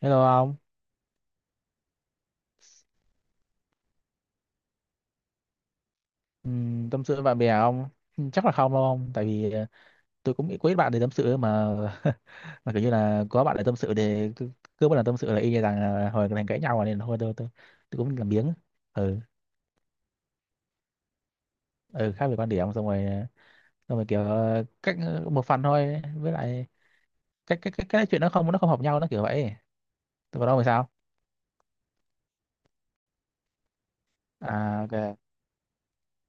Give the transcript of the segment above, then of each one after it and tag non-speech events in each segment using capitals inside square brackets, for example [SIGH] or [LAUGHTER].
Hello ông. Tâm sự với bạn bè ông? Ừ, chắc là không đâu ông, tại vì tôi cũng nghĩ quý ít bạn để tâm sự mà. [LAUGHS] Mà kiểu như là có bạn để tâm sự để cứ một lần tâm sự là y như rằng là hồi thành cãi nhau rồi nên thôi tôi tôi cũng làm biếng. Ừ, ừ khác về quan điểm xong rồi xong rồi kiểu cách một phần thôi với lại cái chuyện nó không hợp nhau nó kiểu vậy. Tôi còn ông thì sao? À, ok.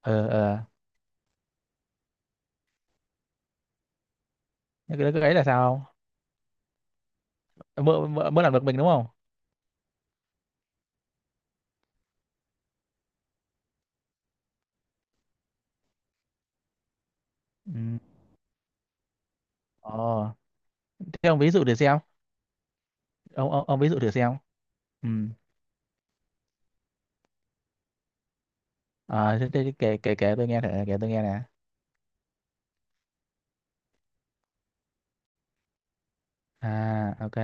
Ờ ờ, cái ấy là sao? Ông? Mơ mơ, mơ làm được mình đúng không? Ừ. Ồ, thế ông ví dụ thử xem, ông ví dụ thử xem. Ừ. Thế kể kể kể tôi nghe thử, kể tôi nghe nè. À, ok.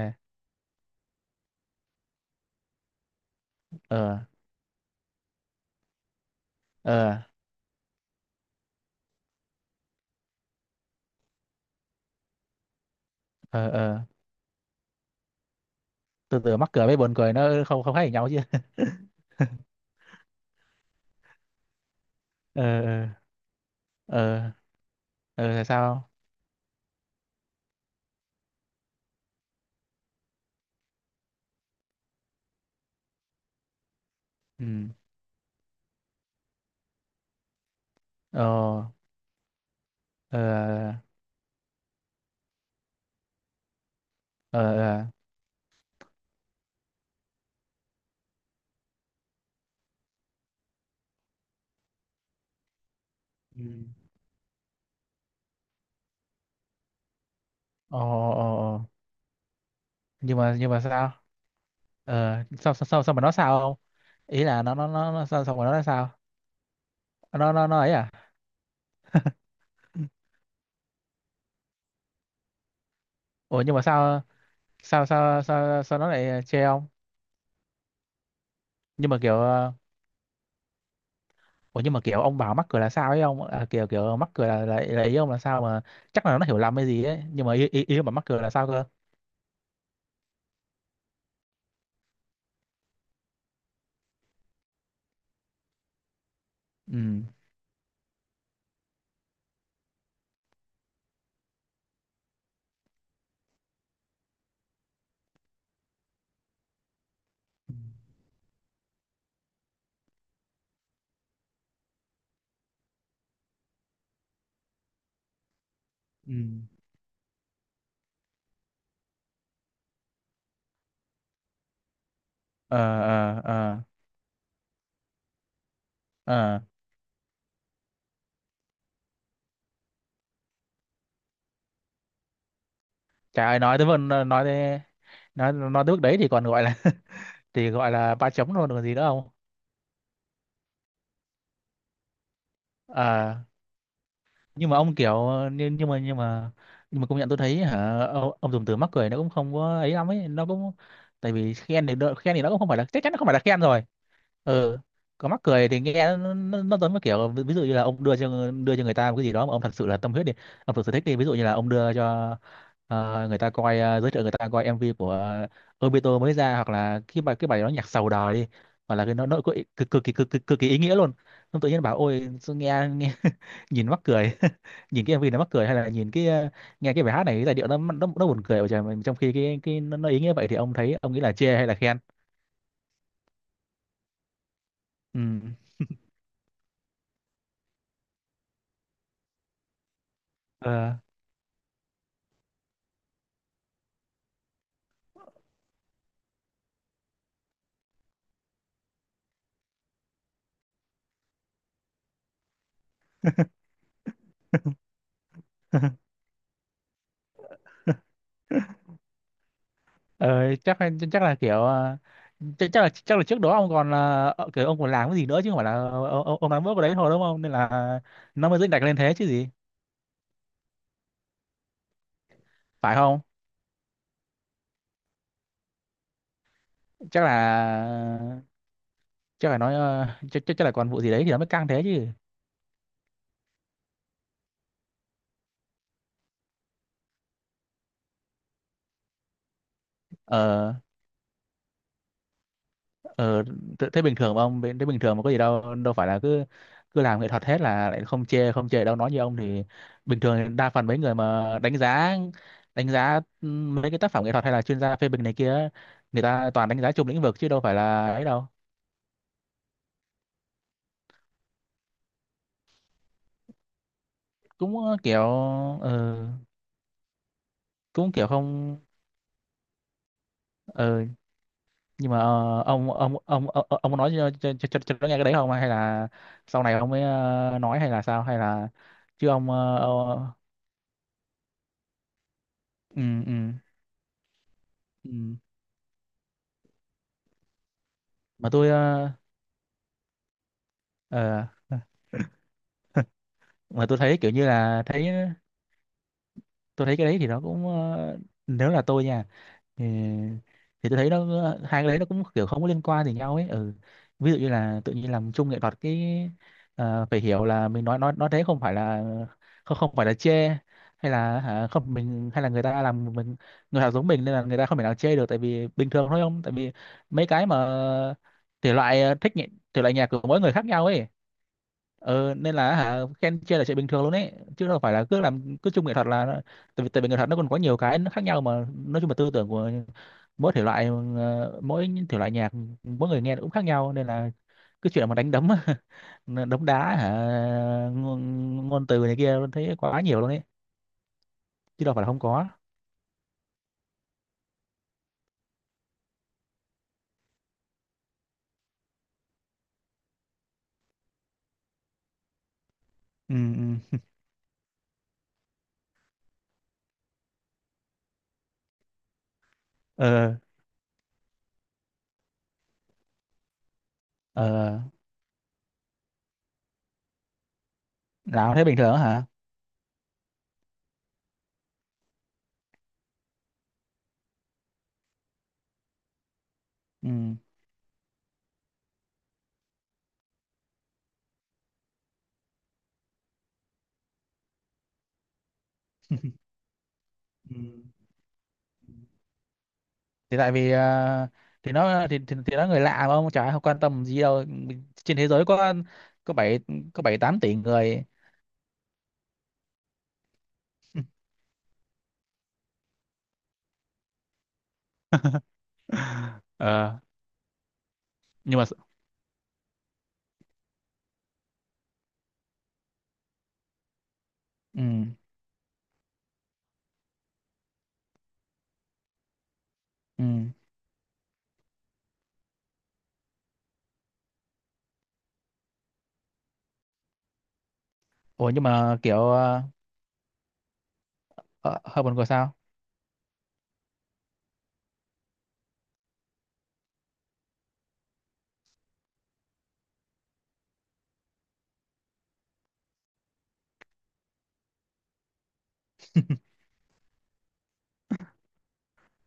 Ờ ờ. Ờ. Ờ từ từ mắc cười với buồn cười nó không không khác gì nhau chứ [LAUGHS] ờ ờ ờ ờ là sao? Ừ. Ờ ờ. Ờ. Ờ. Ừ. Ồ. Ồ. Nhưng mà sao? Ờ, sao sao sao sao mà nó sao không, ý là nó sao sao mà nó là sao? Nó ấy à? Ủa nhưng mà sao, sao sao sao sao nó lại chê ông? Nhưng mà kiểu ủa nhưng mà kiểu ông bảo mắc cười là sao ấy ông à, kiểu kiểu mắc cười là ý ông là sao mà? Chắc là nó hiểu lầm hay gì ấy, nhưng mà ý ý, ý ông bảo mắc cười là sao cơ? Ừ. Ừ. Ờ ờ. Ờ ờ. Trời ơi, nói tới vần, nói tới, nói tới bước đấy thì còn gọi là [LAUGHS] thì gọi là ba chấm luôn, còn gì nữa không? Ờ. Nhưng mà nhưng mà nhưng mà công nhận tôi thấy hả ông dùng từ mắc cười nó cũng không có ấy lắm ấy, nó cũng tại vì khen thì đỡ- khen thì nó cũng không phải là, chắc chắn nó không phải là khen rồi. Ừ. Có mắc cười thì nghe nó giống như kiểu ví dụ như là ông đưa cho, đưa cho người ta một cái gì đó mà ông thật sự là tâm huyết đi, ông thực sự thích đi, ví dụ như là ông đưa cho người ta coi, giới thiệu người ta coi MV của Obito mới ra, hoặc là cái bài đó nhạc sầu đời đi, hoặc là cái nó cực cực cực kỳ cực kỳ ý nghĩa luôn, ông tự nhiên bảo ôi sao nghe nghe [LAUGHS] nhìn mắc cười, [LAUGHS] nhìn cái MV nó mắc cười, hay là nhìn cái nghe cái bài hát này cái giai điệu nó buồn cười vậy trời, mà trong khi cái nó ý nghĩa vậy thì ông thấy ông nghĩ là chê hay là khen? Ừ. Ờ, chắc, chắc là kiểu ờ, chắc chắc là trước đó ông còn là kiểu ông còn làm cái gì nữa chứ không phải là ông làm bước vào đấy thôi đúng không, nên là nó mới dựng đặt lên thế chứ gì, phải không? Chắc là, chắc là nói chắc chắc chắc là còn vụ gì đấy thì nó mới căng thế chứ. Ờ. Ờ, thế thế bình thường mà ông thế bình thường mà có gì đâu, đâu phải là cứ cứ làm nghệ thuật hết là lại không chê, không chê đâu nói như ông thì. Bình thường thì đa phần mấy người mà đánh giá, đánh giá mấy cái tác phẩm nghệ thuật hay là chuyên gia phê bình này kia, người ta toàn đánh giá chung lĩnh vực chứ đâu phải là ấy đâu. Cũng kiểu ờ, cũng kiểu không ờ, nhưng mà ông có nói cho cho nó nghe cái đấy không, hay là sau này ông mới nói, hay là sao, hay là chứ ông ừ ừ ừ mà tôi ờ, mà tôi thấy kiểu như là thấy tôi thấy cái đấy thì nó cũng nếu là tôi nha, thì, thì tôi thấy nó, hai cái đấy nó cũng kiểu không có liên quan gì nhau ấy. Ừ. Ví dụ như là tự nhiên làm chung nghệ thuật cái phải hiểu là mình nói, nói thế, không phải là không, không phải là chê hay là hả, không mình hay là người ta làm mình, người ta giống mình nên là người ta không thể nào chê được, tại vì bình thường thôi không, tại vì mấy cái mà thể loại thích nhị- thể loại nhạc của mỗi người khác nhau ấy. Nên là hả, khen chê là chuyện bình thường luôn ấy chứ đâu phải là cứ chung nghệ thuật là nó- tại vì nghệ thuật nó còn có nhiều cái nó khác nhau mà, nói chung là tư tưởng của mỗi thể loại, mỗi thể loại nhạc mỗi người nghe nó cũng khác nhau, nên là cái chuyện mà đánh đấm [LAUGHS] đấm đá hả ngôn, ngôn từ này kia thấy quá nhiều luôn ấy, chứ đâu phải là không có. Ừ. Ừ. Ờ ờ. Nào thấy bình thường á hả? Ừ. Ừ. Thì tại vì thì nó thì nó người lạ mà ông, chả ai quan tâm gì đâu, trên thế giới có bảy, có bảy tám tỷ người. [LAUGHS] Ờ. Nhưng mà. Ừ ừ. Ủa nhưng mà kiểu hơi buồn cười sao?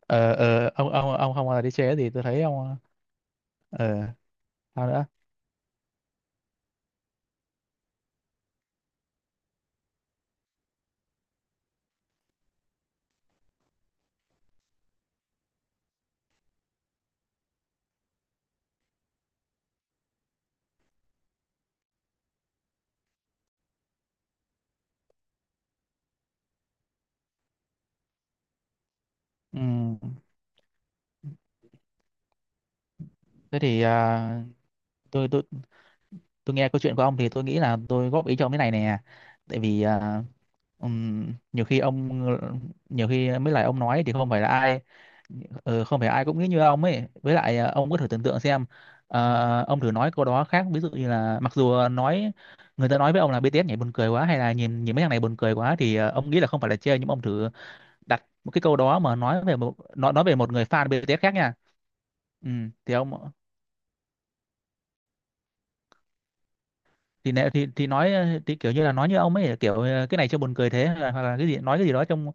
Ờ ờ, ông không bao giờ đi chơi gì tôi thấy ông. Ờ. Sao nữa? Ừ. Thế thì tôi tôi nghe câu chuyện của ông thì tôi nghĩ là tôi góp ý cho ông cái này nè, tại vì nhiều khi ông, nhiều khi mấy lời ông nói thì không phải là ai, ờ, không phải ai cũng nghĩ như ông ấy, với lại ông có thử tưởng tượng xem ông thử nói câu đó khác, ví dụ như là mặc dù nói, người ta nói với ông là BTS nhảy buồn cười quá hay là nhìn nhìn mấy thằng này buồn cười quá thì ông nghĩ là không phải là chê, nhưng ông thử đặt một cái câu đó mà nói về một nói về một người fan BTS khác nha. Ừ, thì ông thì nói thì kiểu như là nói như ông ấy kiểu cái này cho buồn cười thế, hoặc là cái gì, nói cái gì đó trong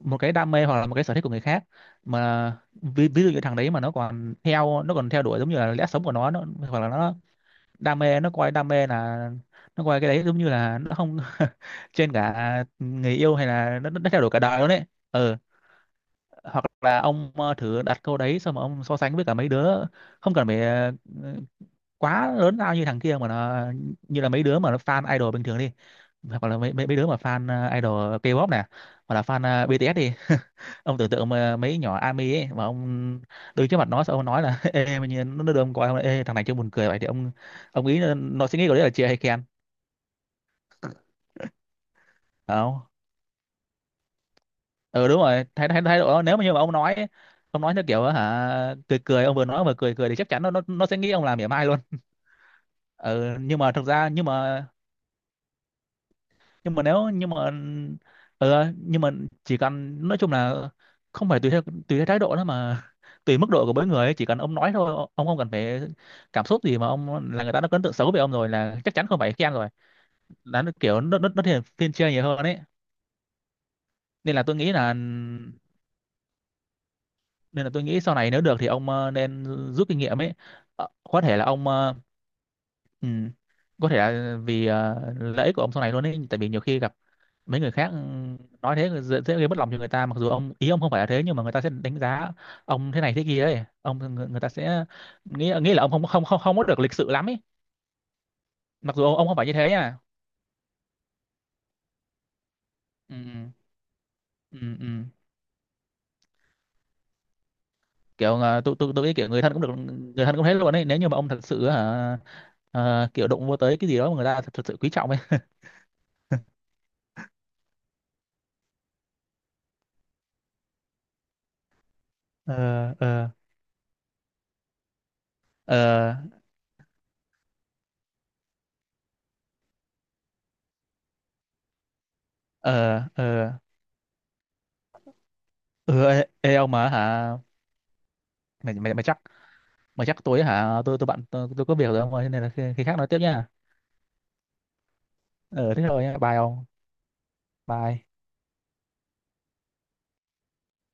một cái đam mê hoặc là một cái sở thích của người khác mà ví dụ như thằng đấy mà nó còn theo, nó còn theo đuổi giống như là lẽ sống của nó hoặc là nó đam mê, nó coi đam mê là, nó coi cái đấy giống như là nó không [LAUGHS] trên cả người yêu, hay là nó theo đuổi cả đời luôn đấy. Ừ. Hoặc là ông thử đặt câu đấy xong mà ông so sánh với cả mấy đứa, không cần phải quá lớn lao như thằng kia mà nó, như là mấy đứa mà nó fan idol bình thường đi, hoặc là mấy mấy, mấy đứa mà fan idol K-pop nè, hoặc là fan BTS đi. Ông tưởng tượng mà mấy nhỏ ARMY ấy mà ông đứng trước mặt nó xong ông nói là [LAUGHS] ê mà nhìn nó đưa ông coi không, ê thằng này chưa buồn cười vậy, thì ông nghĩ là nó sẽ nghĩ của đấy là chê hay khen? Không. Ừ, đúng rồi, thái thái thái độ nếu mà như mà ông nói ấy, ông nói theo kiểu hả cười cười, ông vừa nói vừa cười cười thì chắc chắn nó sẽ nghĩ ông làm mỉa mai luôn. Ừ, nhưng mà thực ra, nhưng mà, nhưng mà nếu, nhưng mà ừ, nhưng mà chỉ cần nói chung là không phải tùy theo thái độ đó mà [LAUGHS] tùy mức độ của mỗi người ấy, chỉ cần ông nói thôi, ông không cần phải cảm xúc gì mà ông là, người ta đã có ấn tượng xấu về ông rồi là chắc chắn không phải khen rồi, là nó kiểu nó thiên, thiên chê nhiều hơn ấy. Nên là tôi nghĩ là, nên là tôi nghĩ sau này nếu được thì ông nên rút kinh nghiệm ấy. Ờ, có thể là ông ừ, có thể là vì lợi ích của ông sau này luôn ấy, tại vì nhiều khi gặp mấy người khác nói thế dễ gây mất lòng cho người ta, mặc dù ông ý ông không phải là thế nhưng mà người ta sẽ đánh giá ông thế này thế kia ấy, ông người ta sẽ nghĩ nghĩ là ông không không không không có được lịch sự lắm ấy, mặc dù ông không phải như thế nha. Ừ, ừ, ừ. Ừ. Kiểu tôi tôi nghĩ kiểu người thân cũng được, người thân cũng thế luôn ấy nếu như mà ông thật sự hả, kiểu đụng vô tới cái gì đó mà người ta thật sự quý trọng ấy. Ờ. Ờ. Ờ. Ờ. Ờ. Ừ, ê, ê ông mà hả mày mày mày chắc, mày chắc tối hả, tôi bận, tôi có việc rồi ông ơi, nên là khi khác nói tiếp nha. Ờ thế rồi nha, bye ông. Bye.